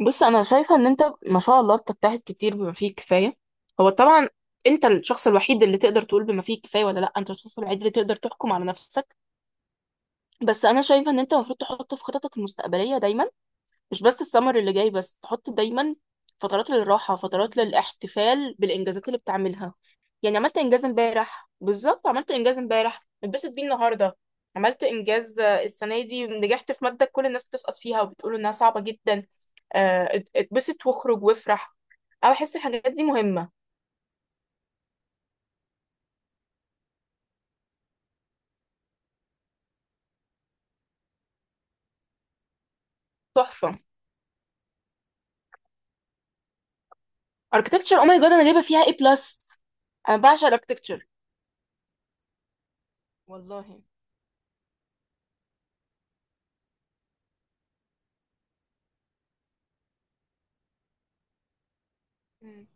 بص، انا شايفه ان انت ما شاء الله بتجتهد كتير بما فيه الكفايه. هو طبعا انت الشخص الوحيد اللي تقدر تقول بما فيه الكفايه ولا لا. انت الشخص الوحيد اللي تقدر تحكم على نفسك. بس انا شايفه ان انت المفروض تحط في خططك المستقبليه دايما، مش بس السمر اللي جاي، بس تحط دايما فترات للراحة، فترات للاحتفال بالإنجازات اللي بتعملها. يعني عملت إنجاز امبارح بالظبط، عملت إنجاز امبارح اتبسط بيه النهاردة. عملت إنجاز السنة دي نجحت في مادة كل الناس بتسقط فيها وبتقول إنها صعبة جدا. اتبسط واخرج وافرح. أنا بحس الحاجات دي مهمة. تحفة. Architecture, oh my god، أنا جايبة فيها A plus. أنا بعشق الاركتكتشر. والله. مم.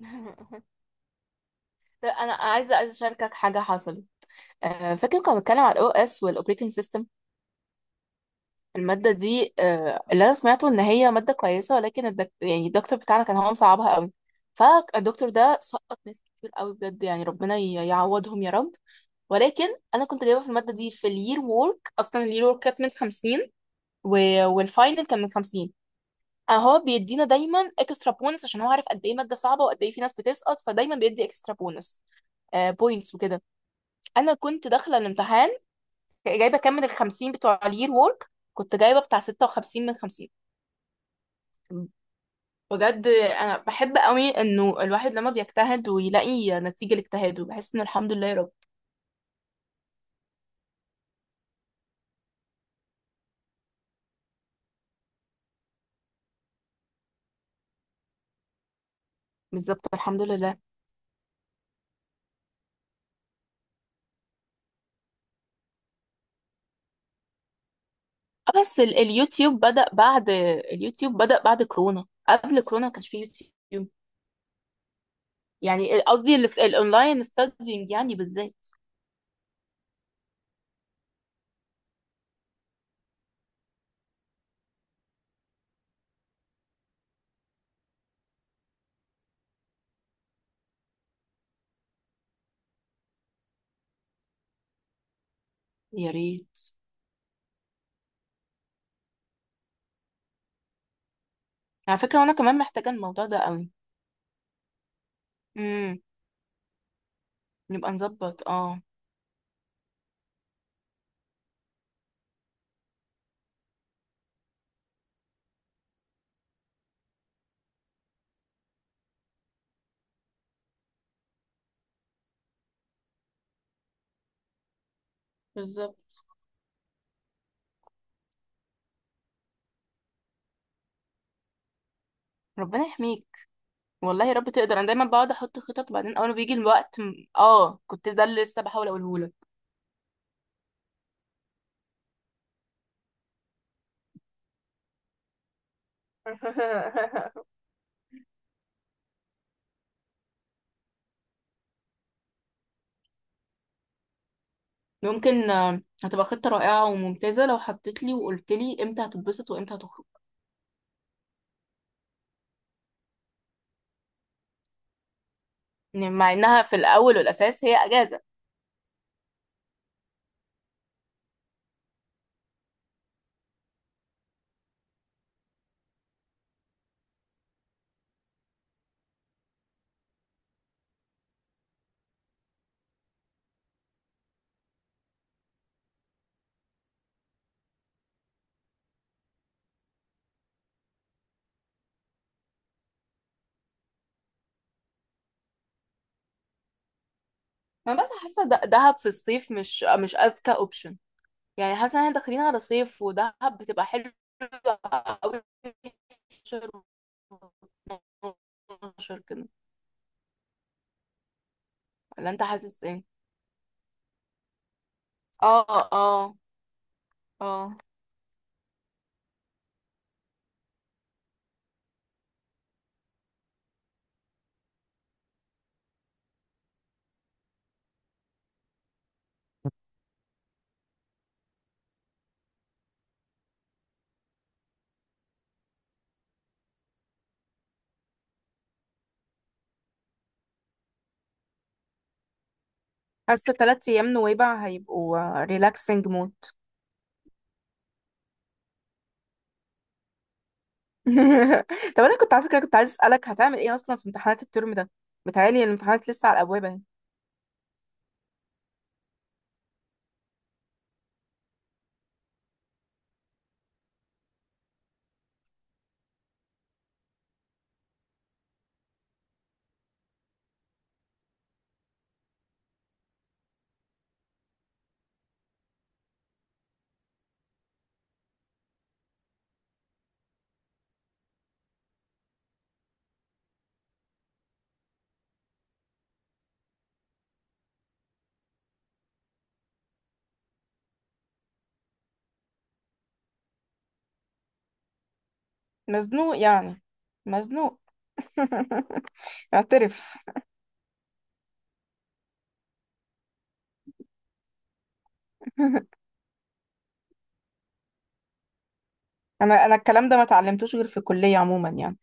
لا، أنا عايزة أشاركك حاجة حصلت. فاكر كنا بنتكلم على الاو اس والاوبريتنج سيستم؟ الماده دي، اللي انا سمعته ان هي ماده كويسه، ولكن يعني الدكتور بتاعنا كان هو مصعبها قوي. فالدكتور ده سقط ناس كتير قوي بجد. يعني ربنا يعوضهم يا رب. ولكن انا كنت جايبه في الماده دي في الير وورك، اصلا الير وورك كانت من 50، و... والفاينل كان من 50. هو بيدينا دايما اكسترا بونس عشان هو عارف قد ايه ماده صعبه وقد ايه في ناس بتسقط، فدايما بيدي اكسترا بونس بوينتس وكده. انا كنت داخله الامتحان جايبه كام من الخمسين بتوع الير وورك، كنت جايبه بتاع ستة وخمسين من خمسين. بجد انا بحب قوي انه الواحد لما بيجتهد ويلاقي نتيجه لاجتهاده، بحس انه الحمد لله يا رب. بالظبط، الحمد لله. بس اليوتيوب بدأ بعد. اليوتيوب بدأ بعد كورونا، قبل كورونا ما كانش فيه يوتيوب. يعني قصدي الاونلاين ستادينج يعني بالذات. يا ريت. على فكره وانا كمان محتاجه الموضوع ده قوي. امم. نبقى نظبط اه. بالظبط. ربنا يحميك. والله يا رب تقدر. انا دايما بقعد احط خطط وبعدين اول ما بيجي الوقت كنت ده اللي لسه بحاول اقوله لك. ممكن، هتبقى خطة رائعة وممتازة لو حطيت لي وقلت لي امتى هتتبسط وامتى هتخرج. يعني مع انها في الاول والاساس هي اجازة. انا بس حاسة دهب في الصيف مش اذكى اوبشن. يعني حاسة ان احنا داخلين على صيف، ودهب بتبقى حلوة قوي في 11 و 12 كده. ولا انت حاسس ايه؟ اه، اه، اه. حاسه ثلاث ايام نويبع هيبقوا ريلاكسنج مود. طب انا كنت على فكره كنت عايز اسالك هتعمل ايه اصلا في امتحانات الترم ده. متهيألي الامتحانات لسه على الابواب اهي. مزنوق يعني. مزنوق. اعترف. انا الكلام ده ما اتعلمتوش غير في الكليه عموما يعني.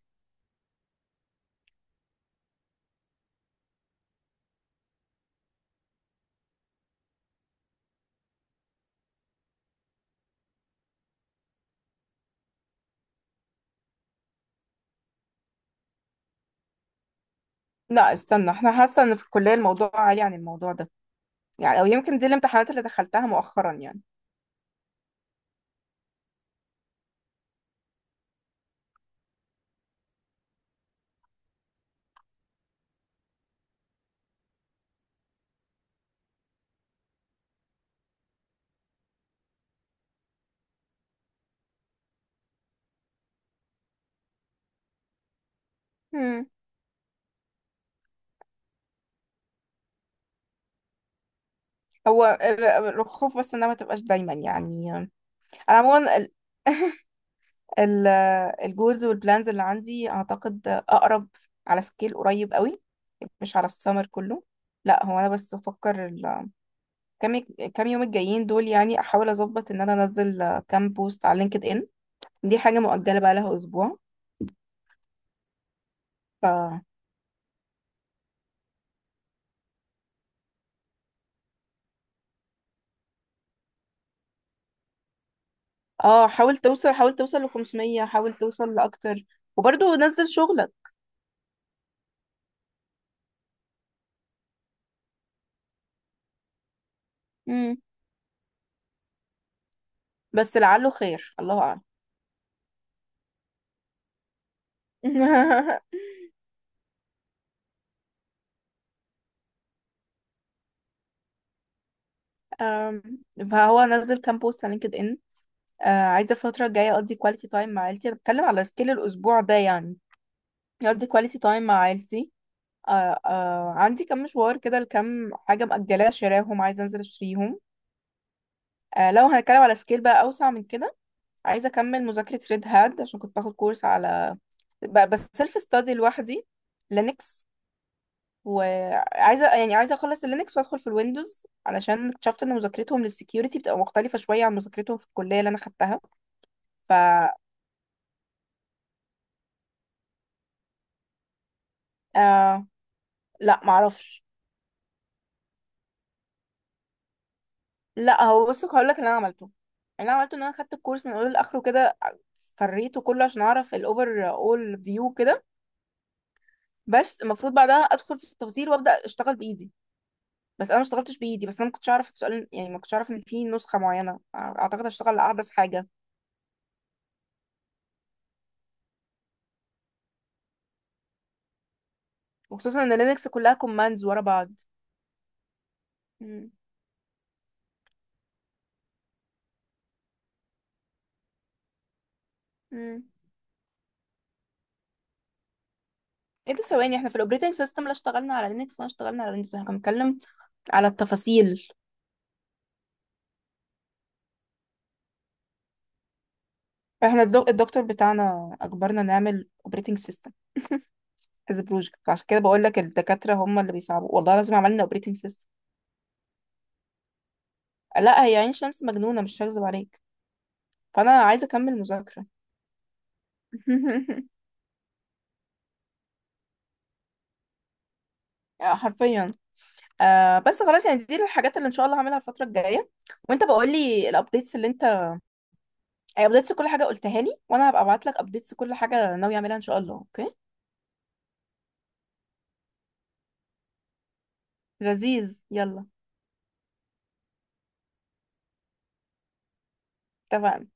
لا استنى، احنا حاسه ان في الكليه الموضوع عالي عن الموضوع ده يعني. او يمكن دي الامتحانات اللي دخلتها مؤخرا يعني. مم. هو الخوف بس انها ما تبقاش دايما يعني. انا عموما الجولز والبلانز اللي عندي اعتقد اقرب على سكيل قريب قوي، مش على السمر كله. لا هو انا بس بفكر كام، كام يوم الجايين دول. يعني احاول اظبط ان انا انزل كام بوست على لينكد ان. دي حاجه مؤجله بقى لها اسبوع. ف اه حاول توصل، حاول توصل ل 500، حاول توصل لاكتر. وبرضه نزل شغلك. امم. بس لعله خير، الله اعلم. أم، فهو نزل كام بوست على لينكد ان. آه، عايزه الفتره الجايه اقضي كواليتي تايم مع عيلتي. انا بتكلم على سكيل الاسبوع ده يعني. اقضي كواليتي تايم مع عيلتي. آه، آه، عندي كام مشوار كده لكام حاجه مأجلاه شراهم، عايزه انزل اشتريهم. آه لو هنتكلم على سكيل بقى اوسع من كده، عايزه اكمل مذاكره ريد هاد عشان كنت باخد كورس على بس سيلف ستادي لوحدي. لينكس. وعايزه يعني عايزه اخلص اللينكس وادخل في الويندوز علشان اكتشفت ان مذاكرتهم للسكيورتي بتبقى مختلفه شويه عن مذاكرتهم في الكليه اللي انا خدتها. ف آه لا، معرفش. لا هو بص هقول لك اللي انا عملته. اللي انا عملته ان انا خدت الكورس من اوله لاخره كده، فريته كله عشان اعرف الاوفر اول فيو كده. بس المفروض بعدها ادخل في التفاصيل وابدا اشتغل بايدي. بس انا ما اشتغلتش بايدي. بس انا ما كنتش اعرف السؤال يعني. ما كنتش اعرف ان في نسخه معينه. اعتقد اشتغل على احدث حاجه. وخصوصا ان لينكس كلها كوماندز ورا بعض. امم، امم. ايه ده، ثواني، احنا في الاوبريتنج سيستم لا اشتغلنا على لينكس ولا اشتغلنا على ويندوز. احنا كنا بنتكلم على التفاصيل. احنا الدكتور بتاعنا اجبرنا نعمل اوبريتنج سيستم از بروجكت. عشان كده بقول لك الدكاتره هم اللي بيصعبوا. والله لازم عملنا اوبريتنج سيستم. لا هي عين شمس مجنونه، مش هكذب عليك. فانا عايزه اكمل مذاكره. حرفيا. آه بس خلاص يعني، دي الحاجات اللي ان شاء الله هعملها الفتره الجايه. وانت بقول لي الابديتس اللي انت، ابديتس كل حاجه قلتها لي، وانا هبقى ابعت لك ابديتس كل حاجه ناوي اعملها ان شاء الله. اوكي، لذيذ، يلا. اتفقنا.